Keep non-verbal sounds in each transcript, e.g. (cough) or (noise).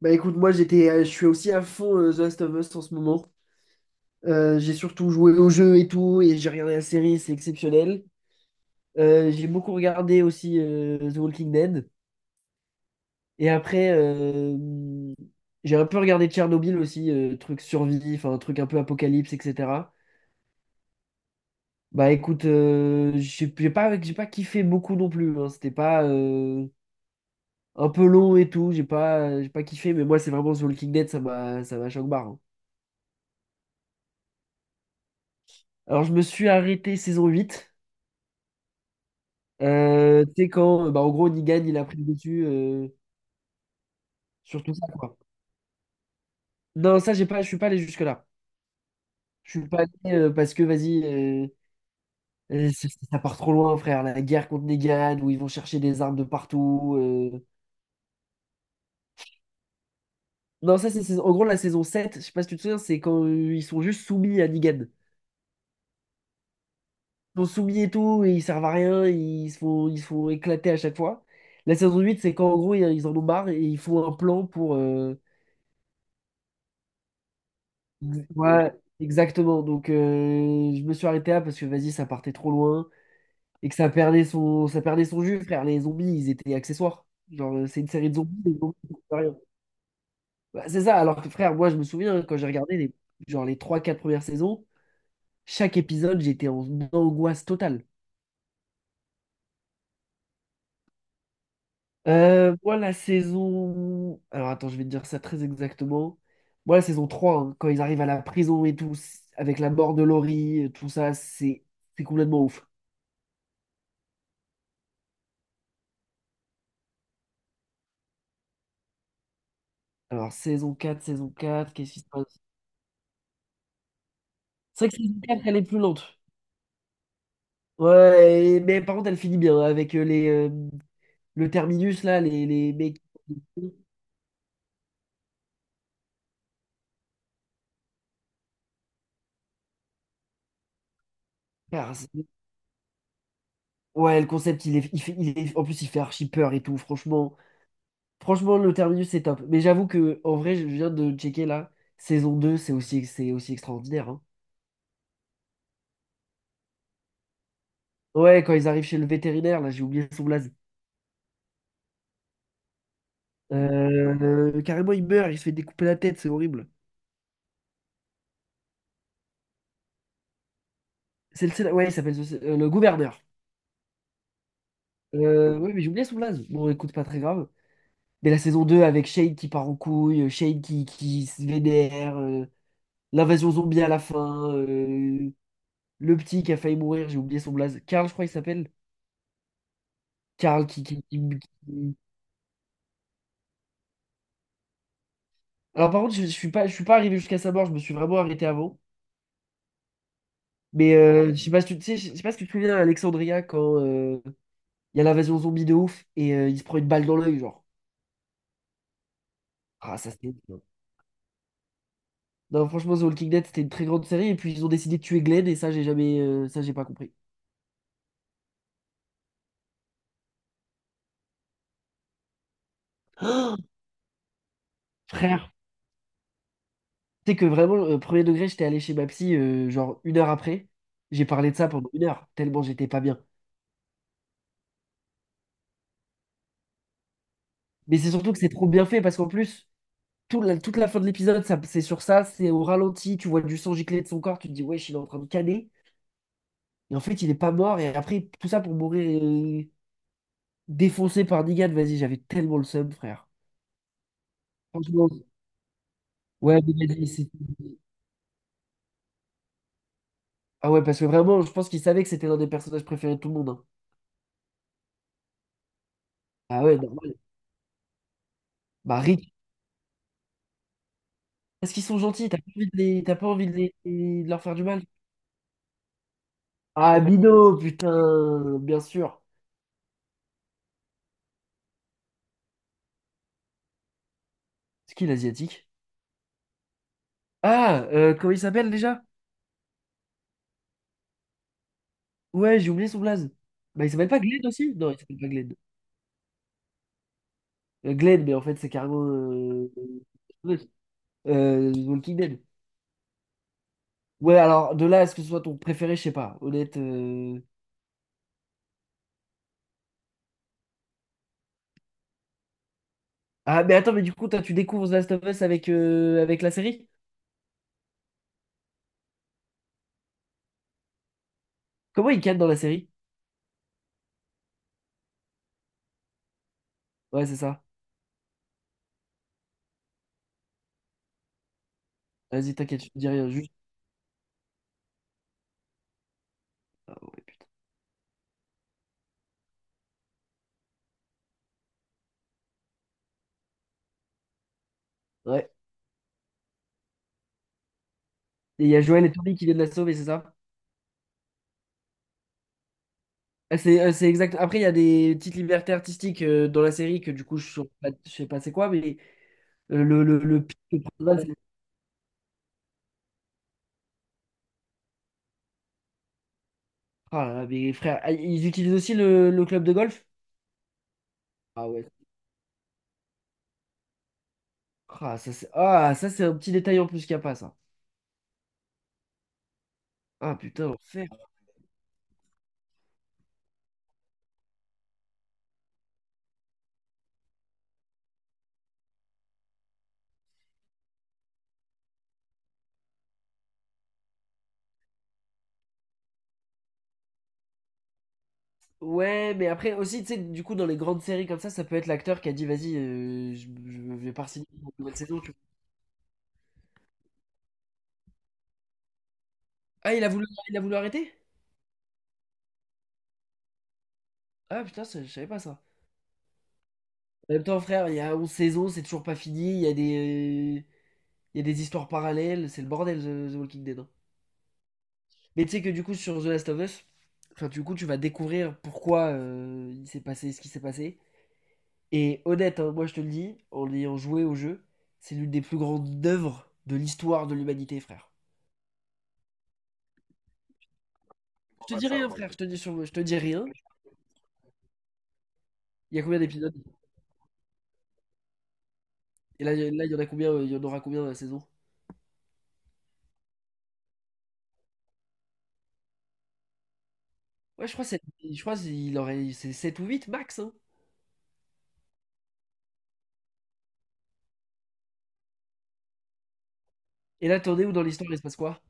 Bah écoute, moi j'étais, je suis aussi à fond The Last of Us en ce moment. J'ai surtout joué au jeu et tout, et j'ai regardé la série, c'est exceptionnel. J'ai beaucoup regardé aussi The Walking Dead. Et après, j'ai un peu regardé Tchernobyl aussi, truc survie, enfin un truc un peu apocalypse, etc. Bah écoute, j'ai pas kiffé beaucoup non plus, hein. C'était pas un peu long et tout, j'ai pas kiffé, mais moi c'est vraiment The Walking Dead, ça m'a choc-barre, hein. Alors je me suis arrêté saison huit. Tu sais quand, bah, en gros, Nigan, il a pris le dessus sur tout ça, quoi. Non, ça, j'ai pas, je suis pas allé jusque-là. Je suis pas allé parce que, vas-y, ça, ça part trop loin, frère. La guerre contre Negan, où ils vont chercher des armes de partout, euh. Non, ça, en gros la saison sept. Je sais pas si tu te souviens, c'est quand ils sont juste soumis à Negan. Ils sont soumis et tout, et ils servent à rien, et ils se font éclater à chaque fois. La saison 8 c'est quand, en gros, ils en ont marre et ils font un plan pour, euh. Ouais, ouais, exactement. Donc, je me suis arrêté là parce que, vas-y, ça partait trop loin et que ça perdait son jus, frère. Les zombies, ils étaient accessoires. Genre, c'est une série de zombies, les zombies, ils font rien. Bah, c'est ça. Alors que, frère, moi, je me souviens, hein, quand j'ai regardé les, genre, les trois quatre premières saisons, chaque épisode, j'étais en angoisse totale. Moi, la saison. Alors, attends, je vais te dire ça très exactement. Moi, la saison trois, hein, quand ils arrivent à la prison et tout, avec la mort de Laurie, tout ça, c'est complètement ouf. Alors, saison quatre, saison quatre, qu'est-ce qui se passe? C'est vrai que saison 4 elle est plus lente. Ouais, et- mais par contre, elle finit bien, hein, avec les, le terminus, là, les mecs. Ah, c'est- Ouais, le concept, il est, en plus, il fait archi peur et tout, franchement. Franchement, le terminus, c'est top. Mais j'avoue que, en vrai, je viens de checker, là, saison 2 c'est aussi extraordinaire, hein. Ouais, quand ils arrivent chez le vétérinaire, là, j'ai oublié son blaze. Carrément, il meurt, il se fait découper la tête, c'est horrible. C'est le, ouais, il s'appelle le gouverneur. Oui, mais j'ai oublié Soublaz. Bon, écoute, pas très grave. Mais la saison 2 avec Shade qui part en couille, Shade qui se vénère, l'invasion zombie à la fin, le petit qui a failli mourir, j'ai oublié son blaze. Karl, je crois qu'il s'appelle. Karl qui- Alors par contre, je suis pas arrivé jusqu'à sa mort, je me suis vraiment arrêté avant. Mais je sais pas si tu sais, je sais pas si tu te souviens à Alexandria quand il y a l'invasion zombie de ouf et il se prend une balle dans l'œil, genre. Ah, ça c'est... Non, franchement, The Walking Dead, c'était une très grande série. Et puis, ils ont décidé de tuer Glenn, et ça, j'ai jamais, ça, j'ai pas compris. (gasps) Frère, tu sais que vraiment, premier degré, j'étais allé chez ma psy, genre une heure après. J'ai parlé de ça pendant une heure, tellement j'étais pas bien. Mais c'est surtout que c'est trop bien fait, parce qu'en plus, toute la fin de l'épisode, ça, c'est sur ça, c'est au ralenti, tu vois du sang gicler de son corps, tu te dis, wesh, il est en train de caner. Et en fait, il est pas mort, et après, tout ça pour mourir défoncé par Negan. Vas-y, j'avais tellement le seum, frère. Franchement, ouais, mais vas-y, c'est- Ah ouais, parce que vraiment, je pense qu'ils savaient que c'était l'un des personnages préférés de tout le monde, hein. Ah ouais, normal. Bah, Rick, parce qu'ils sont gentils, t'as pas envie de les... t'as pas envie de de leur faire du mal. Ah, Mino, putain, bien sûr. C'est qui l'asiatique? Ah, comment il s'appelle déjà? Ouais, j'ai oublié son blaze. Bah, il s'appelle pas Glenn aussi? Non, il s'appelle pas Glenn. Glenn, mais en fait, c'est carrément. Euh, Walking Dead. Ouais, alors, de là à ce que ce soit ton préféré, je sais pas. Honnête, euh. Ah, mais attends, mais du coup, toi, tu découvres The Last of Us avec, avec la série? Comment ils cadrent dans la série? Ouais, c'est ça. Vas-y, t'inquiète, je te dis rien, juste. Ah, ouais. Ouais. Et il y a Joël et Toby qui viennent la sauver, c'est ça? Ah, c'est c'est exact. Après, il y a des petites libertés artistiques dans la série que du coup, je sais pas c'est quoi, mais le pitch principal, c'est- Ah là là, mais frère, ah, ils utilisent aussi le club de golf? Ah ouais. Ah, ça, c'est un petit détail en plus qu'il n'y a pas, ça. Ah putain, l'enfer. Ouais, mais après aussi, tu sais, du coup, dans les grandes séries comme ça peut être l'acteur qui a dit, vas-y, je vais pas signer pour une nouvelle saison, tu- Ah, il a voulu arrêter? Ah putain, ça- je savais pas ça. En même temps, frère, il y a 11 saisons, c'est toujours pas fini, il y a des, il y a des histoires parallèles, c'est le bordel, The, The Walking Dead, hein. Mais tu sais que du coup, sur The Last of Us, enfin, du coup, tu vas découvrir pourquoi il s'est passé ce qui s'est passé. Et honnête, hein, moi je te le dis, en ayant joué au jeu, c'est l'une des plus grandes œuvres de l'histoire de l'humanité, frère. Je Bon, te bah dis rien, frère, je te dis, je te dis rien. Il y a combien d'épisodes? Et là, là, il y en a combien, il y en aura combien dans la saison? Ouais, je crois qu'il aurait c'est 7 ou 8 max, hein. Et là, t'en es où dans l'histoire? Il se passe quoi?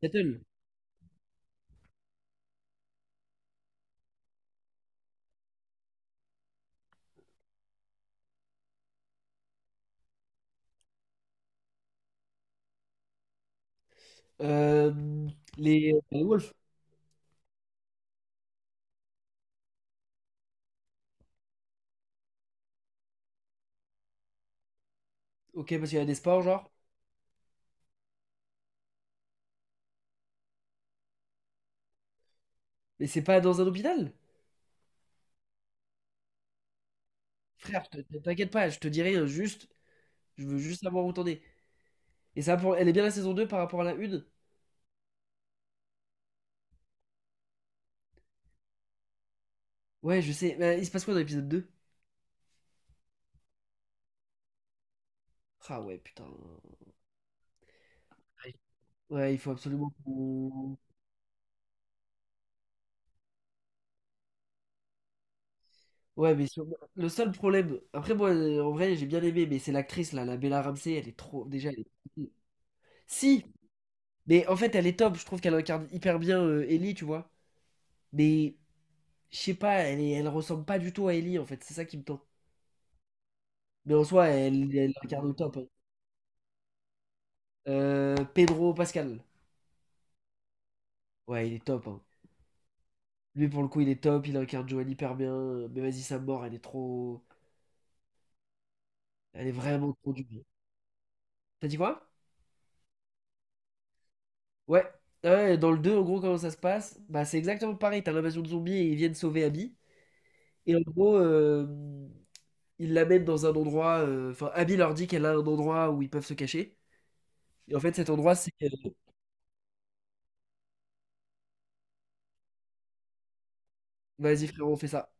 Seattle. Euh, les Wolves. Ok, parce qu'il y a des sports, genre. Mais c'est pas dans un hôpital. Frère, t'inquiète pas, je te dirai juste. Je veux juste savoir où t'en es. Et ça, pour, elle est bien la saison 2 par rapport à la une? Ouais, je sais. Mais il se passe quoi dans l'épisode deux? Ah ouais, putain. Ouais, il faut absolument qu'on- Ouais, mais sur- le seul problème. Après, moi, en vrai, j'ai bien aimé, mais c'est l'actrice, là, la Bella Ramsey, elle est trop. Déjà, elle est. Si, mais en fait, elle est top. Je trouve qu'elle incarne hyper bien Ellie, tu vois. Mais je sais pas, elle ressemble pas du tout à Ellie, en fait. C'est ça qui me tente. Mais en soi, elle, elle incarne au top, hein. Pedro Pascal. Ouais, il est top, hein. Lui, pour le coup, il est top. Il incarne Joanne hyper bien. Mais vas-y, sa mort, elle est trop. Elle est vraiment trop du bien. T'as dit quoi? Ouais. Ah ouais, dans le 2 en gros, comment ça se passe? Bah, c'est exactement pareil. T'as l'invasion de zombies et ils viennent sauver Abby. Et en gros, ils l'amènent dans un endroit. Euh, enfin, Abby leur dit qu'elle a un endroit où ils peuvent se cacher. Et en fait, cet endroit, c'est. Vas-y, frérot, on fait ça.